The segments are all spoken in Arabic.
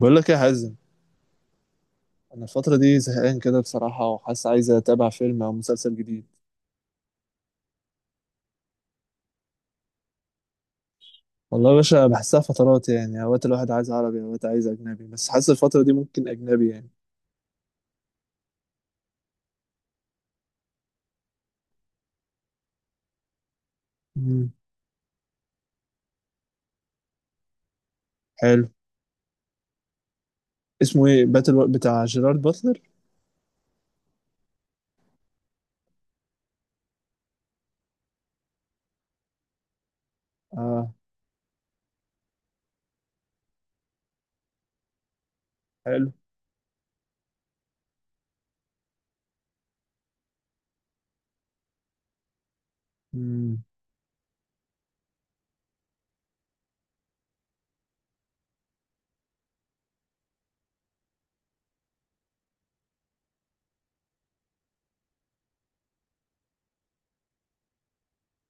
بقول لك إيه يا حازم؟ انا الفتره دي زهقان كده بصراحه، وحاسس عايز اتابع فيلم او مسلسل جديد. والله يا باشا بحسها فترات، يعني اوقات الواحد عايز عربي، اوقات عايز اجنبي، بس حاسس الفتره دي ممكن اجنبي يعني. امم حلو. اسمه ايه؟ باتل و... بتاع جيرارد باتلر؟ اه حلو. امم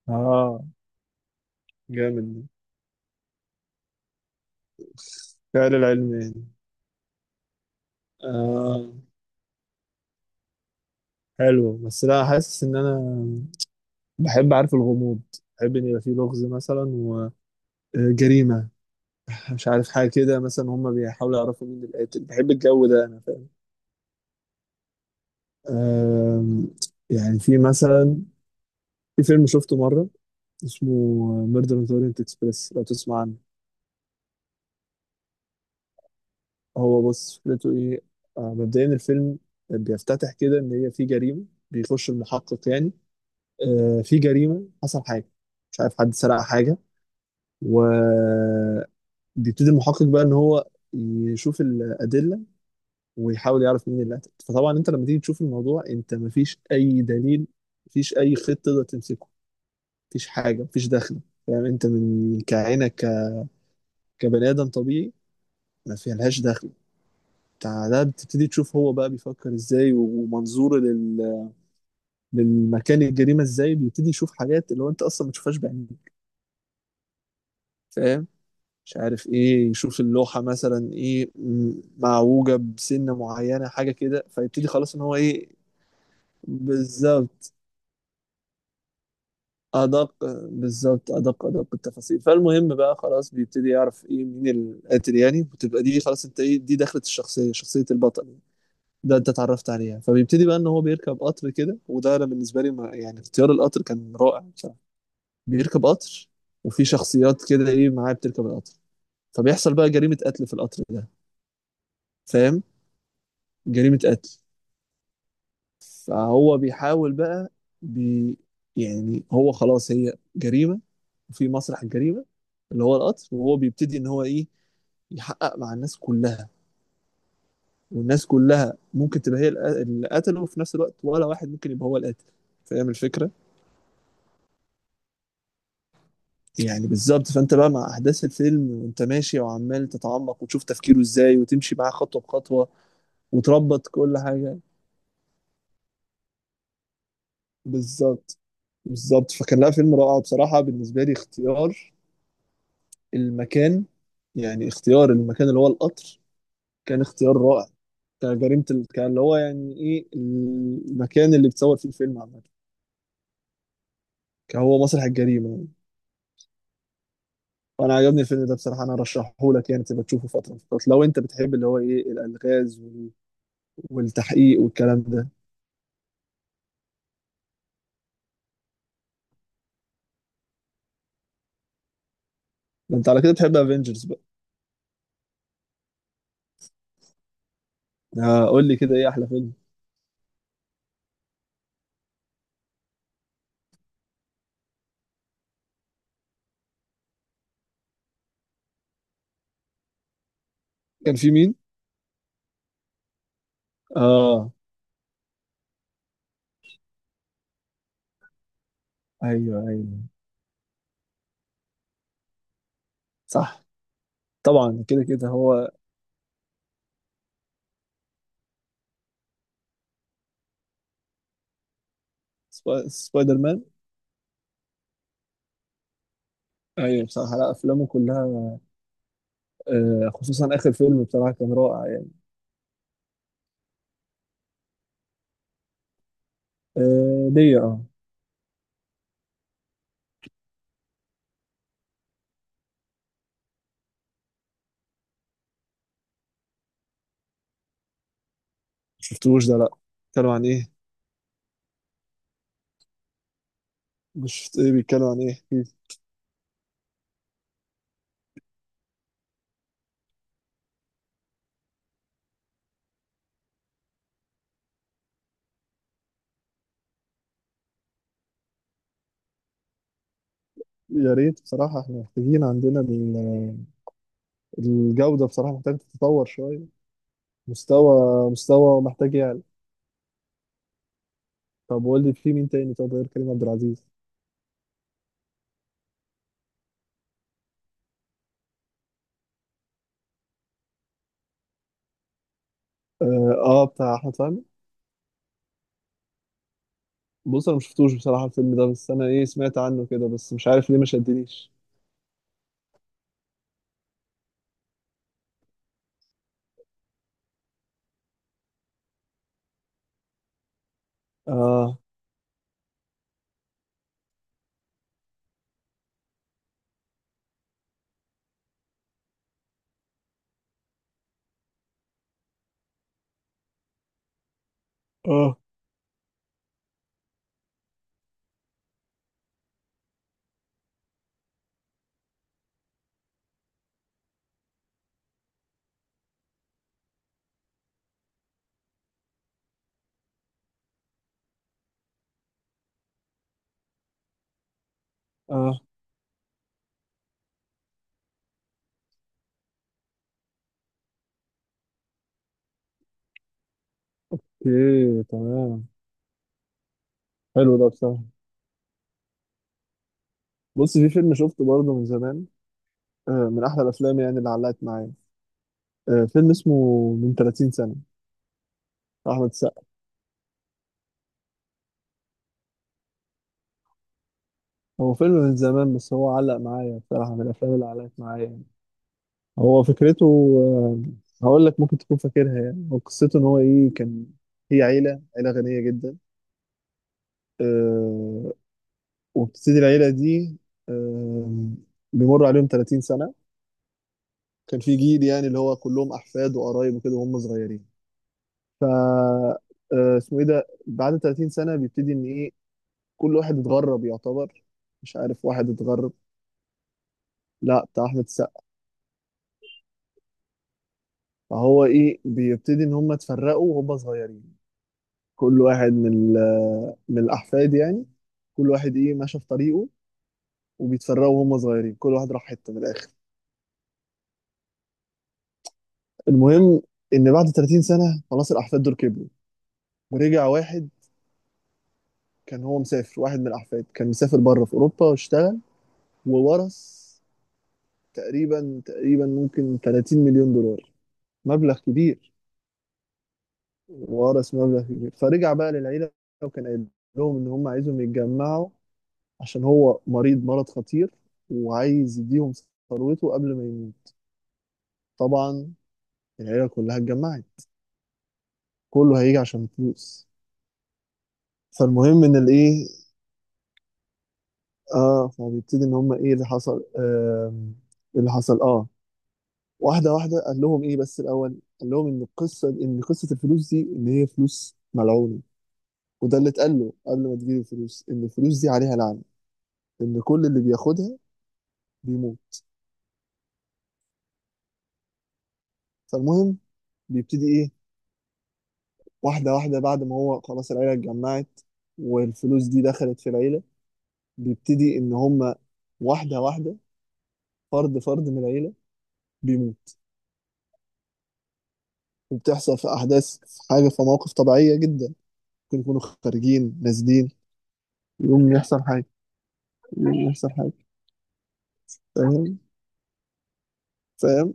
اه جامد. خيال العلم يعني. آه حلو، بس لا حاسس ان انا بحب، عارف، الغموض. بحب ان يبقى فيه لغز مثلا، وجريمه، مش عارف حاجة كده. مثلا هما بيحاولوا يعرفوا مين القاتل، بحب الجو ده أنا، فاهم. أم، يعني في مثلا، في فيلم شفته مرة اسمه ميردر أوف أورينت إكسبريس، لو تسمع عنه. هو بص، فكرته إيه؟ مبدئيا الفيلم بيفتتح كده إن هي في جريمة. بيخش المحقق يعني، في جريمة، حصل حاجة، مش عارف، حد سرق حاجة. وبيبتدي المحقق بقى إن هو يشوف الأدلة ويحاول يعرف مين اللي قتل. فطبعا انت لما تيجي تشوف الموضوع، انت مفيش اي دليل، مفيش اي خيط تقدر تمسكه، مفيش حاجه، مفيش دخله. فاهم، انت من كعينك كبني ادم طبيعي، ما فيهاش دخل بتاع ده. بتبتدي تشوف هو بقى بيفكر ازاي، ومنظوره لل... للمكان الجريمه ازاي، بيبتدي يشوف حاجات اللي هو انت اصلا ما تشوفهاش بعينيك. فاهم. مش عارف ايه، يشوف اللوحه مثلا ايه معوجه بسنه معينه، حاجه كده، فيبتدي خلاص ان هو ايه. بالظبط أدق. بالظبط أدق أدق التفاصيل. فالمهم بقى خلاص بيبتدي يعرف إيه مين القاتل يعني، وتبقى دي خلاص أنت إيه دي دخلت الشخصية، شخصية البطل ده أنت اتعرفت عليها. فبيبتدي بقى إن هو بيركب قطر كده، وده أنا بالنسبة لي ما يعني اختيار القطر كان رائع بصراحة. بيركب قطر، وفي شخصيات كده إيه معاه بتركب القطر. فبيحصل بقى جريمة قتل في القطر ده، فاهم؟ جريمة قتل. فهو بيحاول بقى، بي، يعني هو خلاص هي جريمة، وفي مسرح الجريمة اللي هو القطر، وهو بيبتدي ان هو ايه يحقق مع الناس كلها. والناس كلها ممكن تبقى هي اللي قتله، وفي نفس الوقت ولا واحد ممكن يبقى هو القاتل. فاهم الفكرة؟ يعني بالظبط. فانت بقى مع احداث الفيلم وانت ماشي، وعمال تتعمق وتشوف تفكيره ازاي، وتمشي معاه خطوة بخطوة وتربط كل حاجة. بالظبط بالظبط. فكان لا فيلم رائع بصراحة. بالنسبة لي اختيار المكان، يعني اختيار المكان اللي هو القطر، كان اختيار رائع كان اللي هو يعني ايه المكان اللي بتصور فيه الفيلم عامة كان هو مسرح الجريمة يعني. وانا عجبني الفيلم ده بصراحة، انا رشحه لك يعني، تبقى تشوفه فترة من الفترات لو انت بتحب اللي هو ايه الالغاز والتحقيق والكلام ده. ده انت على كده بتحب افنجرز بقى. آه قول لي كده، ايه احلى فيلم؟ كان في مين؟ اه. ايوه ايوه. صح، طبعا كده كده هو. سبايدر مان. ايوه بصراحة، لا افلامه كلها، آه خصوصا اخر فيلم بصراحه كان رائع يعني. آه ليا اه. شفتوش ده؟ لا. بيتكلوا عن ايه؟ مش شفت، ايه بيتكلوا عن ايه؟ احكيلي. يا ريت بصراحه، احنا محتاجين عندنا الجوده بصراحه محتاجه تتطور شويه. مستوى، مستوى محتاج يعلى. طب قول لي في مين تاني، طب غير كريم عبد العزيز. اه، آه بتاع احمد فهمي. بص انا مشفتوش بصراحه الفيلم ده، بس انا ايه سمعت عنه كده، بس مش عارف ليه ما شدنيش. اه. اه. اه. اوكي تمام. حلو ده بصراحه. بص في فيلم شفته برضه من زمان، من احلى الافلام يعني اللي علقت معايا. فيلم اسمه من 30 سنه، بتاع احمد السقا. هو فيلم من زمان، بس هو علق معايا بصراحه، من الافلام اللي علقت معايا يعني. هو فكرته، هقول لك ممكن تكون فاكرها. يعني هو قصته ان هو ايه، كان هي عيله، عيله غنيه جدا، آه، وبتبتدي العيله دي، آه، بيمر عليهم 30 سنه. كان في جيل يعني اللي هو كلهم احفاد وقرايب وكده، وهم صغيرين. ف اسمه ايه ده، بعد 30 سنه بيبتدي ان ايه كل واحد اتغرب يعتبر، مش عارف، واحد اتغرب. لا بتاع احمد السقا. فهو ايه بيبتدي ان هم اتفرقوا وهم صغيرين، كل واحد من الاحفاد يعني، كل واحد ايه ماشي في طريقه. وبيتفرقوا وهم صغيرين، كل واحد راح حته من الاخر. المهم ان بعد 30 سنه خلاص الاحفاد دول كبروا. ورجع واحد، كان هو مسافر، واحد من الاحفاد كان مسافر بره في اوروبا واشتغل، وورث تقريبا تقريبا ممكن 30 مليون دولار، مبلغ كبير. وورث مبلغ كبير، فرجع بقى للعيلة، وكان قايل لهم إن هم عايزهم يتجمعوا عشان هو مريض مرض خطير، وعايز يديهم ثروته قبل ما يموت. طبعا العيلة كلها اتجمعت، كله هيجي عشان فلوس. فالمهم إن الإيه، آه فبيبتدي إن هم إيه اللي حصل آه، اللي حصل آه، واحدة واحدة قال لهم إيه، بس الأول قال لهم إن القصة إن قصة الفلوس دي إن هي فلوس ملعونة. وده اللي اتقال له قبل ما تجيب الفلوس، إن الفلوس دي عليها لعنة، إن كل اللي بياخدها بيموت. فالمهم بيبتدي ايه، واحدة واحدة بعد ما هو خلاص العيلة اتجمعت والفلوس دي دخلت في العيلة، بيبتدي ان هما واحدة واحدة، فرد فرد من العيلة بيموت. وبتحصل في احداث، في حاجة، في مواقف طبيعية جدا، ممكن يكونوا خارجين نازلين يقوم يحصل حاجة، يقوم يحصل حاجة، فاهم. فاهم.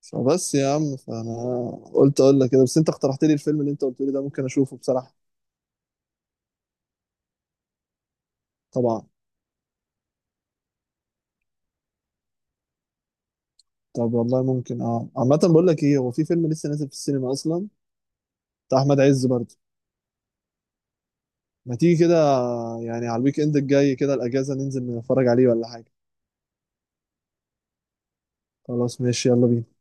فبس يا عم، فانا قلت اقول لك كده، بس انت اقترحت لي الفيلم اللي انت قلت لي ده ممكن اشوفه بصراحة. طبعا. طب والله ممكن، اه عامة بقول لك ايه، هو في فيلم لسه نازل في السينما اصلا بتاع احمد عز برضه. ما تيجي كده، يعني على الويك اند الجاي كده الاجازه ننزل نتفرج عليه ولا حاجه. خلاص ماشي يلا بينا.